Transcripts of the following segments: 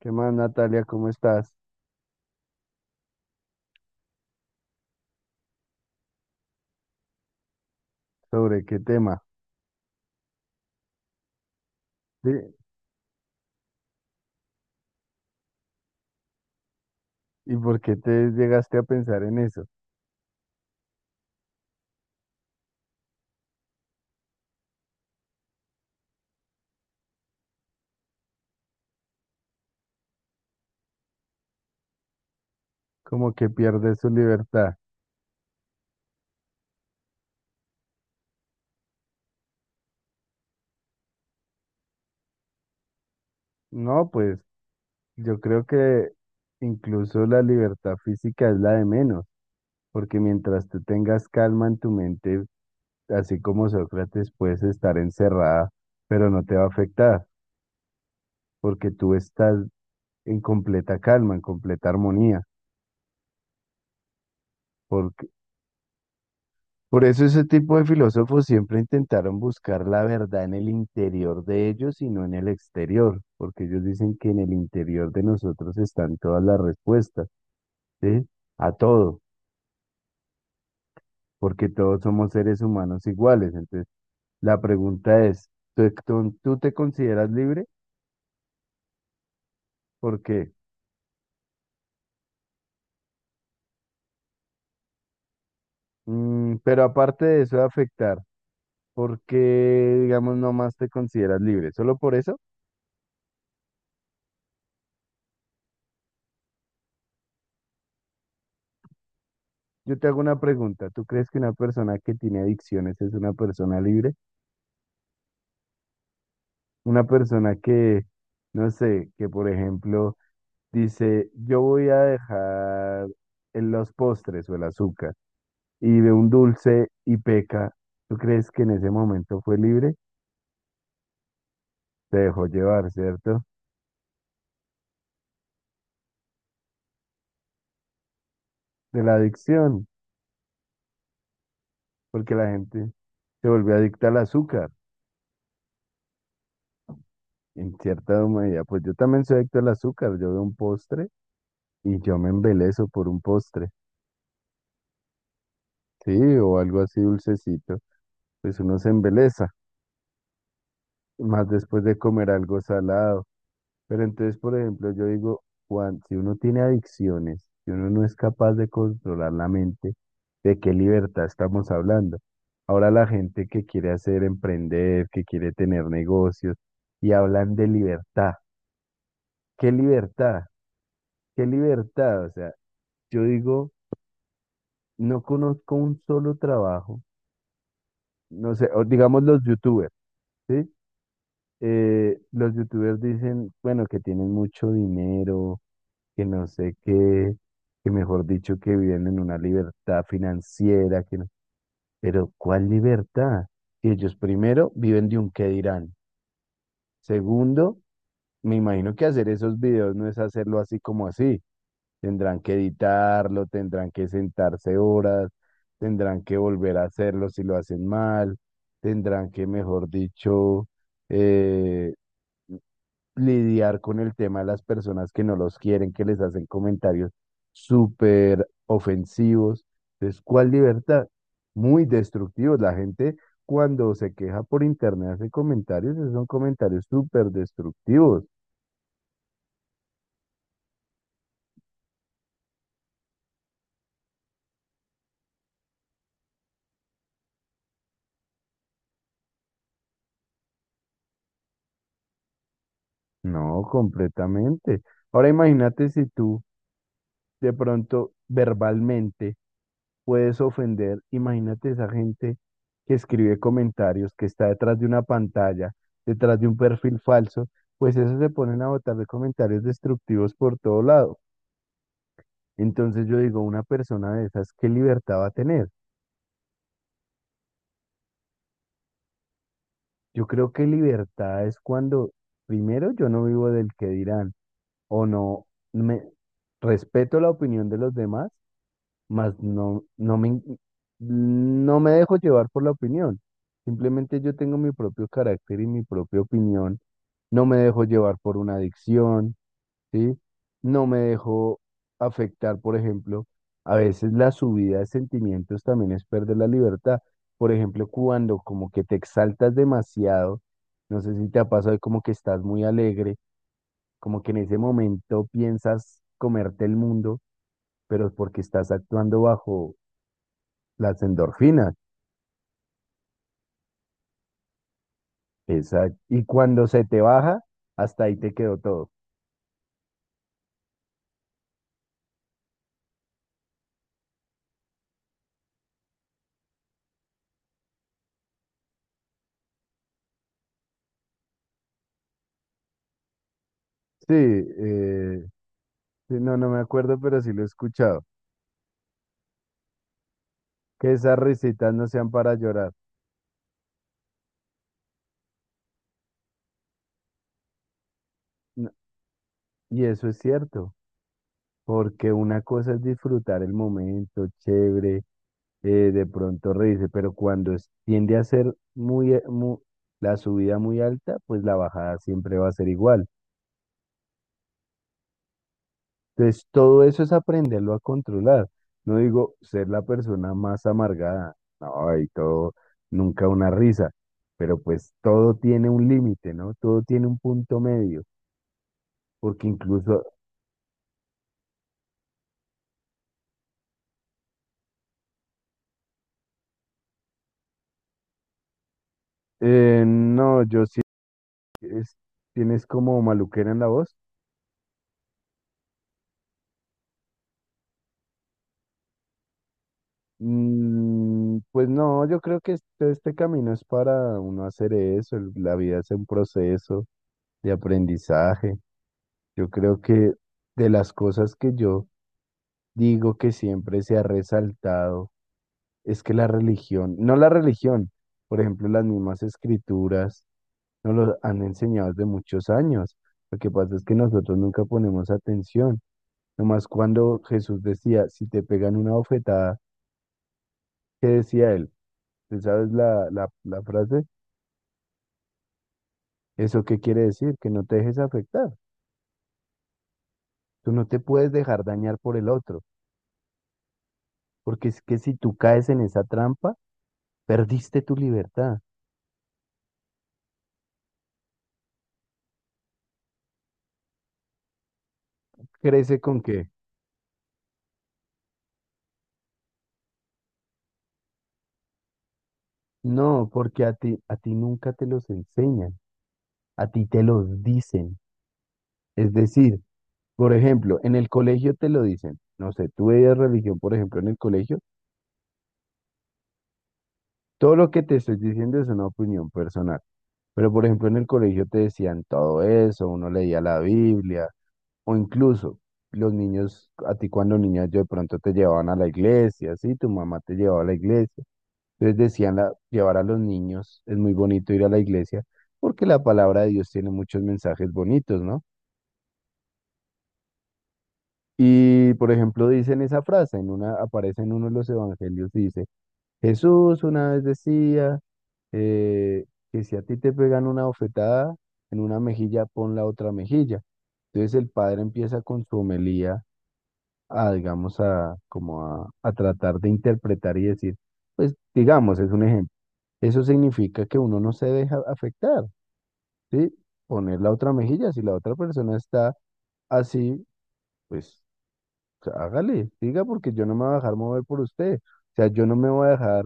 ¿Qué más, Natalia? ¿Cómo estás? ¿Sobre qué tema? Sí. ¿Y por qué te llegaste a pensar en eso? Como que pierdes su libertad. No, pues yo creo que incluso la libertad física es la de menos, porque mientras tú tengas calma en tu mente, así como Sócrates, puedes estar encerrada, pero no te va a afectar, porque tú estás en completa calma, en completa armonía. Porque por eso ese tipo de filósofos siempre intentaron buscar la verdad en el interior de ellos y no en el exterior, porque ellos dicen que en el interior de nosotros están todas las respuestas, ¿sí? A todo, porque todos somos seres humanos iguales. Entonces, la pregunta es, ¿tú te consideras libre? ¿Por qué? Mm, pero aparte de eso de afectar, ¿por qué, digamos, no más te consideras libre? ¿Solo por eso? Yo te hago una pregunta. ¿Tú crees que una persona que tiene adicciones es una persona libre? Una persona que, no sé, que por ejemplo dice, yo voy a dejar en los postres o el azúcar y ve un dulce y peca, ¿tú crees que en ese momento fue libre? Se dejó llevar, ¿cierto? De la adicción, porque la gente se volvió adicta al azúcar, en cierta medida. Pues yo también soy adicto al azúcar, yo veo un postre y yo me embelezo por un postre, ¿sí? O algo así dulcecito, pues uno se embeleza. Más después de comer algo salado. Pero entonces, por ejemplo, yo digo, Juan, si uno tiene adicciones, si uno no es capaz de controlar la mente, ¿de qué libertad estamos hablando? Ahora la gente que quiere hacer emprender, que quiere tener negocios, y hablan de libertad. ¿Qué libertad? ¿Qué libertad? O sea, yo digo, no conozco un solo trabajo, no sé, o digamos los youtubers, ¿sí? Los youtubers dicen, bueno, que tienen mucho dinero, que no sé qué, que mejor dicho que viven en una libertad financiera, que no, pero ¿cuál libertad? Si ellos primero viven de un qué dirán. Segundo, me imagino que hacer esos videos no es hacerlo así como así. Tendrán que editarlo, tendrán que sentarse horas, tendrán que volver a hacerlo si lo hacen mal, tendrán que, mejor dicho, eh, lidiar con el tema de las personas que no los quieren, que les hacen comentarios súper ofensivos. Entonces, ¿cuál libertad? Muy destructivos. La gente cuando se queja por internet hace comentarios, esos son comentarios súper destructivos. No, completamente. Ahora imagínate si tú de pronto verbalmente puedes ofender. Imagínate esa gente que escribe comentarios, que está detrás de una pantalla, detrás de un perfil falso, pues esos se ponen a botar de comentarios destructivos por todo lado. Entonces yo digo, una persona de esas, ¿qué libertad va a tener? Yo creo que libertad es cuando, primero, yo no vivo del que dirán, o no, me respeto la opinión de los demás, mas no me dejo llevar por la opinión. Simplemente yo tengo mi propio carácter y mi propia opinión. No me dejo llevar por una adicción, ¿sí? No me dejo afectar, por ejemplo, a veces la subida de sentimientos también es perder la libertad. Por ejemplo, cuando como que te exaltas demasiado, no sé si te ha pasado como que estás muy alegre, como que en ese momento piensas comerte el mundo, pero es porque estás actuando bajo las endorfinas, exacto. Y cuando se te baja, hasta ahí te quedó todo. Sí, sí, no, no me acuerdo, pero sí lo he escuchado. Que esas risitas no sean para llorar. No, y eso es cierto, porque una cosa es disfrutar el momento, chévere, de pronto reírse, pero cuando tiende a ser muy, la subida muy alta, pues la bajada siempre va a ser igual. Entonces, todo eso es aprenderlo a controlar. No digo ser la persona más amargada, no, y todo, nunca una risa, pero pues todo tiene un límite, ¿no? Todo tiene un punto medio, porque incluso, no, yo sí, es- tienes como maluquera en la voz. Mm, pues no, yo creo que este camino es para uno hacer eso, la vida es un proceso de aprendizaje. Yo creo que de las cosas que yo digo que siempre se ha resaltado es que la religión, no la religión, por ejemplo, las mismas escrituras nos lo han enseñado desde muchos años. Lo que pasa es que nosotros nunca ponemos atención. Nomás cuando Jesús decía, si te pegan una bofetada, ¿qué decía él? ¿Tú sabes la frase? ¿Eso qué quiere decir? Que no te dejes afectar. Tú no te puedes dejar dañar por el otro, porque es que si tú caes en esa trampa, perdiste tu libertad. ¿Crece con qué? No, porque a ti nunca te los enseñan, a ti te los dicen. Es decir, por ejemplo, en el colegio te lo dicen. No sé, tú veías religión, por ejemplo, en el colegio. Todo lo que te estoy diciendo es una opinión personal. Pero, por ejemplo, en el colegio te decían todo eso, uno leía la Biblia, o incluso los niños, a ti cuando niños yo de pronto te llevaban a la iglesia, sí, tu mamá te llevaba a la iglesia. Entonces decían llevar a los niños, es muy bonito ir a la iglesia porque la palabra de Dios tiene muchos mensajes bonitos, ¿no? Y por ejemplo dicen esa frase, en una, aparece en uno de los evangelios, dice, Jesús una vez decía eh, que si a ti te pegan una bofetada en una mejilla, pon la otra mejilla. Entonces el padre empieza con su homelía a, digamos, a tratar de interpretar y decir, pues digamos, es un ejemplo. Eso significa que uno no se deja afectar. Sí, poner la otra mejilla. Si la otra persona está así, pues o sea, hágale, diga porque yo no me voy a dejar mover por usted. O sea, yo no me voy a dejar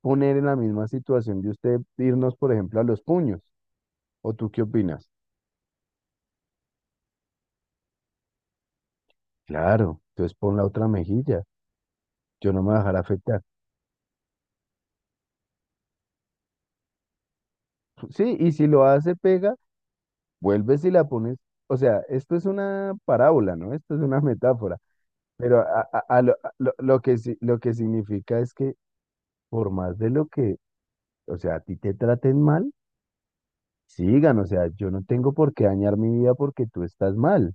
poner en la misma situación de usted irnos, por ejemplo, a los puños. ¿O tú qué opinas? Claro, entonces pon la otra mejilla. Yo no me voy a dejar afectar. Sí, y si lo hace, pega, vuelves y la pones. O sea, esto es una parábola, ¿no? Esto es una metáfora. Pero a lo que, sí- lo que significa es que por más de lo que o sea, a ti te traten mal, sigan, o sea, yo no tengo por qué dañar mi vida porque tú estás mal,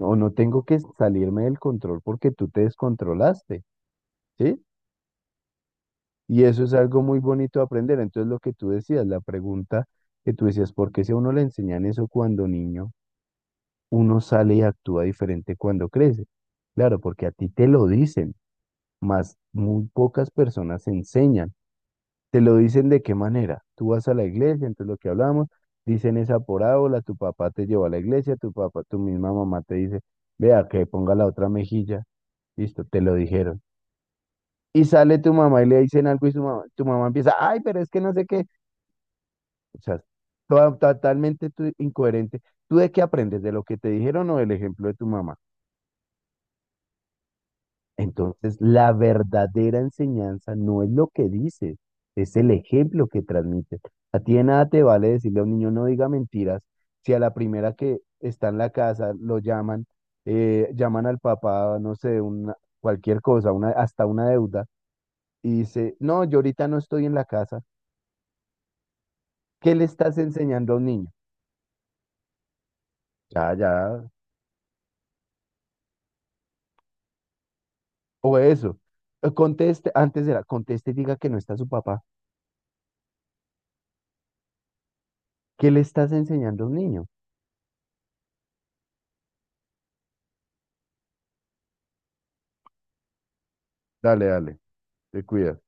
o no tengo que salirme del control porque tú te descontrolaste, ¿sí? Y eso es algo muy bonito de aprender. Entonces, lo que tú decías, la pregunta que tú decías, ¿por qué si a uno le enseñan eso cuando niño, uno sale y actúa diferente cuando crece? Claro, porque a ti te lo dicen, más muy pocas personas enseñan. Te lo dicen de qué manera. Tú vas a la iglesia, entonces lo que hablamos, dicen esa parábola, tu papá te llevó a la iglesia, tu papá, tu misma mamá te dice, vea que ponga la otra mejilla. Listo, te lo dijeron. Y sale tu mamá y le dicen algo y su mamá, tu mamá empieza, ay, pero es que no sé qué. O sea, totalmente incoherente. ¿Tú de qué aprendes? ¿De lo que te dijeron o del ejemplo de tu mamá? Entonces, la verdadera enseñanza no es lo que dices, es el ejemplo que transmites. A ti de nada te vale decirle a un niño no diga mentiras si a la primera que está en la casa lo llaman, llaman al papá, no sé, una, cualquier cosa, una, hasta una deuda, y dice, no, yo ahorita no estoy en la casa. ¿Qué le estás enseñando a un niño? Ya, ya. O eso. Conteste, antes era, conteste y diga que no está su papá. ¿Qué le estás enseñando a un niño? Dale, dale, te cuidas.